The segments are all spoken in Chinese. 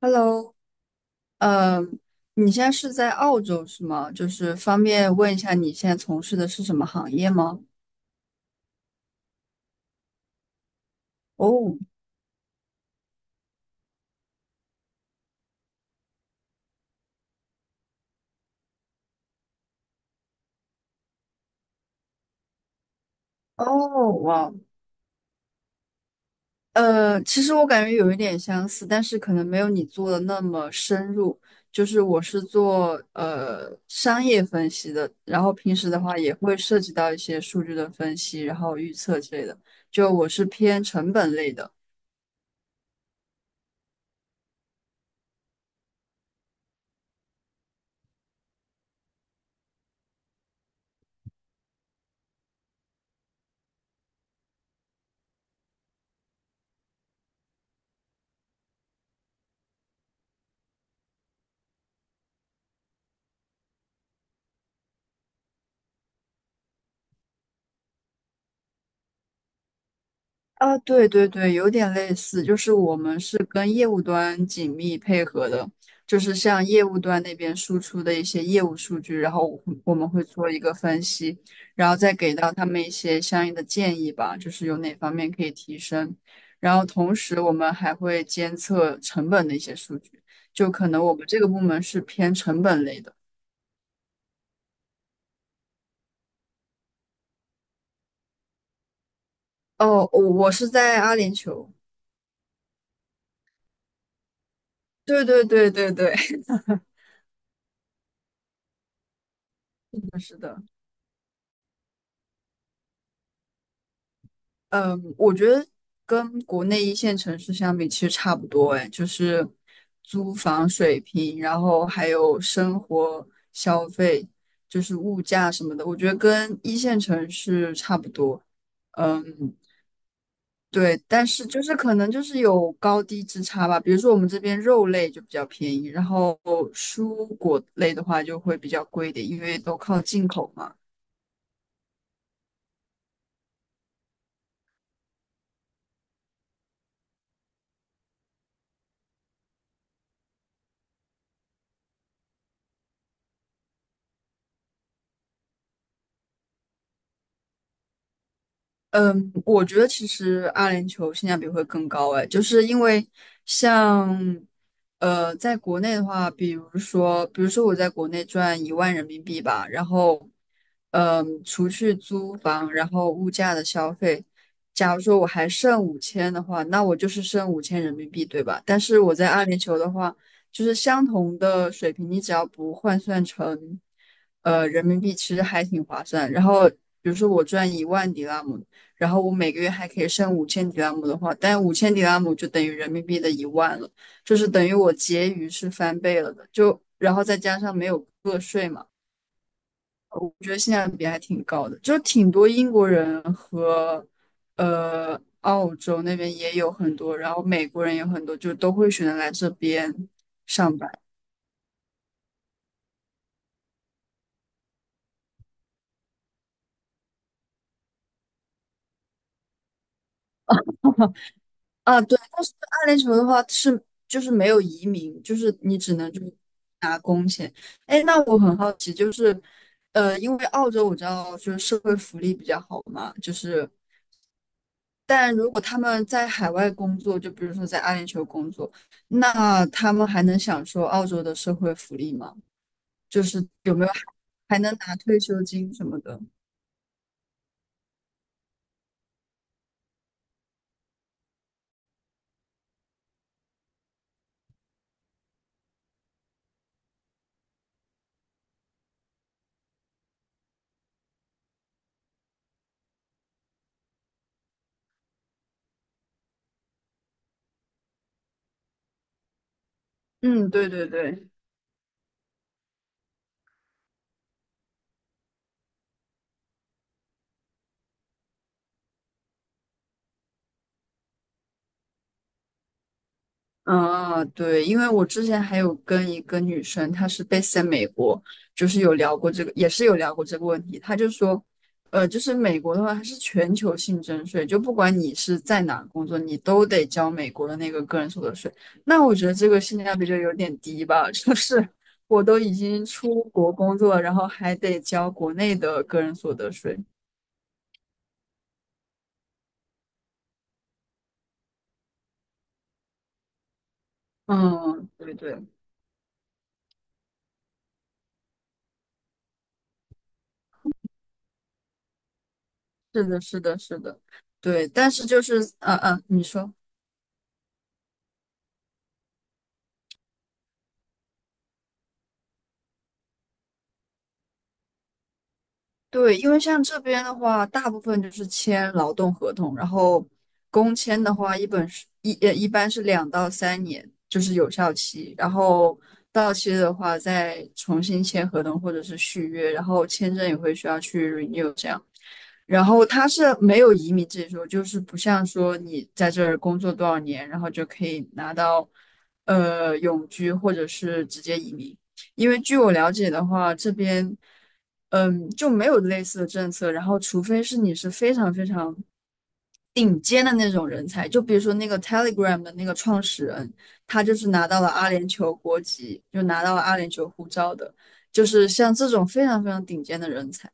Hello，呃，你现在是在澳洲是吗？就是方便问一下你现在从事的是什么行业吗？哦哦，哇，其实我感觉有一点相似，但是可能没有你做的那么深入。就是我是做商业分析的，然后平时的话也会涉及到一些数据的分析，然后预测之类的。就我是偏成本类的。啊，对对对，有点类似，就是我们是跟业务端紧密配合的，就是像业务端那边输出的一些业务数据，然后我们会做一个分析，然后再给到他们一些相应的建议吧，就是有哪方面可以提升。然后同时我们还会监测成本的一些数据，就可能我们这个部门是偏成本类的。哦，我是在阿联酋。对对对对对，是的。嗯，我觉得跟国内一线城市相比，其实差不多哎，就是租房水平，然后还有生活消费，就是物价什么的，我觉得跟一线城市差不多。嗯，对，但是就是可能就是有高低之差吧。比如说我们这边肉类就比较便宜，然后蔬果类的话就会比较贵一点，因为都靠进口嘛。嗯，我觉得其实阿联酋性价比会更高哎，就是因为像在国内的话，比如说我在国内赚1万人民币吧，然后除去租房，然后物价的消费，假如说我还剩五千的话，那我就是剩5000人民币，对吧？但是我在阿联酋的话，就是相同的水平，你只要不换算成人民币，其实还挺划算。然后比如说我赚1万迪拉姆。然后我每个月还可以剩五千迪拉姆的话，但五千迪拉姆就等于人民币的一万了，就是等于我结余是翻倍了的，就然后再加上没有个税嘛，我觉得性价比还挺高的，就挺多英国人和澳洲那边也有很多，然后美国人也有很多，就都会选择来这边上班啊。对，但是阿联酋的话是就是没有移民，就是你只能就是拿工钱。哎，那我很好。因为澳洲我知道就是社会福利比较好嘛，就是，但如果他们在海外工作，就比如说在阿联酋工作，那他们还能享受澳洲的社会福利吗？就是有没有还能拿退休金什么的？嗯，对对对。嗯，对，因为我之前还有跟一个女生，她是 base 在美国，就是有聊过这个，也是有聊过这个问题。她就说，就是美国的话，它是全球性征税，就不管你是在哪工作，你都得交美国的那个个人所得税。那我觉得这个性价比就有点低吧，就是我都已经出国工作了，然后还得交国内的个人所得税。嗯，对对，是的，是的，是的，对。但是就是，嗯、嗯，你说。对，因为像这边的话，大部分就是签劳动合同，然后工签的话，一般是2到3年，就是有效期，然后到期的话再重新签合同或者是续约，然后签证也会需要去 renew 这样。然后它是没有移民这一说，就是不像说你在这儿工作多少年，然后就可以拿到永居或者是直接移民。因为据我了解的话，这边。就没有类似的政策。然后，除非是你是非常非常顶尖的那种人才，就比如说那个 Telegram 的那个创始人，他就是拿到了阿联酋国籍，就拿到了阿联酋护照的，就是像这种非常非常顶尖的人才。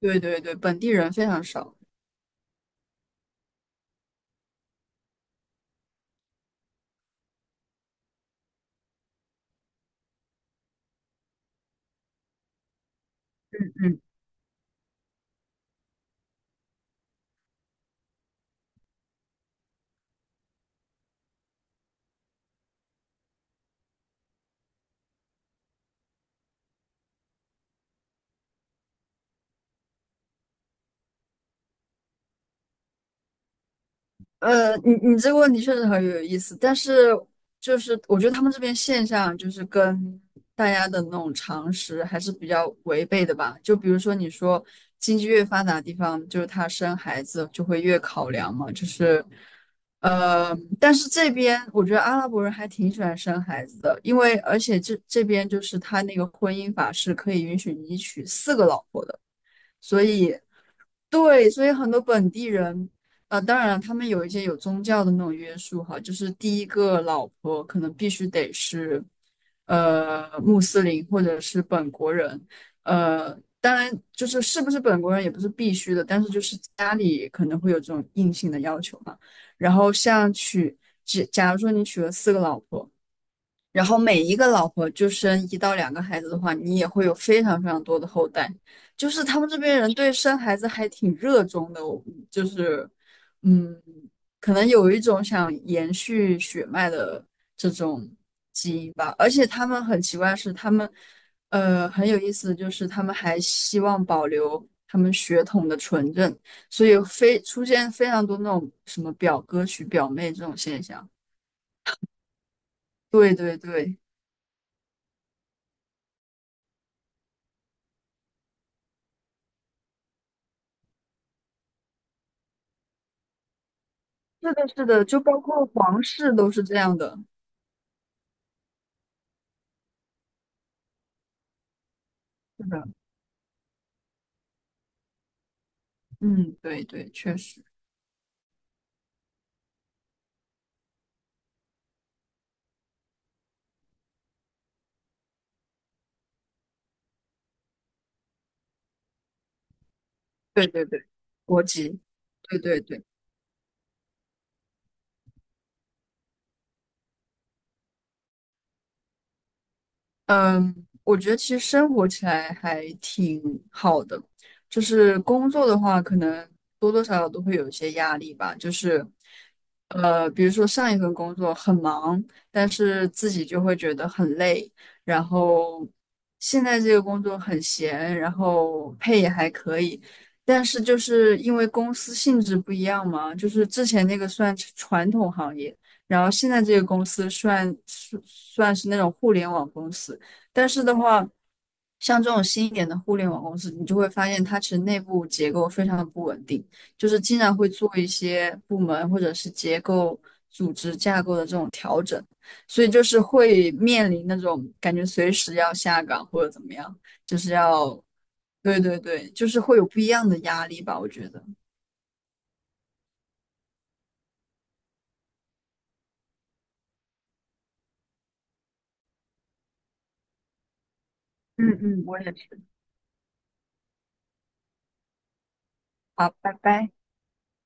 对对对，本地人非常少。嗯。你这个问题确实很有意思，但是就是我觉得他们这边现象就是跟大家的那种常识还是比较违背的吧。就比如说你说经济越发达的地方，就是他生孩子就会越考量嘛，就是但是这边我觉得阿拉伯人还挺喜欢生孩子的，因为而且这边就是他那个婚姻法是可以允许你娶四个老婆的。所以。对，所以很多本地人，当然了他们有一些有宗教的那种约束哈，就是第一个老婆可能必须得是，穆斯林或者是本国人，呃，当然就是是不是本国人也不是必须的，但是就是家里可能会有这种硬性的要求嘛。然后像娶，假如说你娶了四个老婆，然后每一个老婆就生1到2个孩子的话，你也会有非常非常多的后代。就是他们这边人对生孩子还挺热衷的，我就是，嗯，可能有一种想延续血脉的这种基因吧。而且他们很奇怪的是，他们，很有意思，就是他们还希望保留他们血统的纯正，所以非出现非常多那种什么表哥娶表妹这种现象。对对对。是的，是的，就包括皇室都是这样的。是的，嗯，对对，确实，对对对，国籍，对对对。嗯，我觉得其实生活起来还挺好的，就是工作的话，可能多多少少都会有一些压力吧。就是，比如说上一份工作很忙，但是自己就会觉得很累，然后现在这个工作很闲，然后配也还可以，但是就是因为公司性质不一样嘛，就是之前那个算是传统行业。然后现在这个公司算是那种互联网公司，但是的话，像这种新一点的互联网公司，你就会发现它其实内部结构非常的不稳定，就是经常会做一些部门或者是结构、组织架构的这种调整，所以就是会面临那种感觉随时要下岗或者怎么样，就是要，对对对，就是会有不一样的压力吧，我觉得。嗯嗯，我也是。好，拜拜。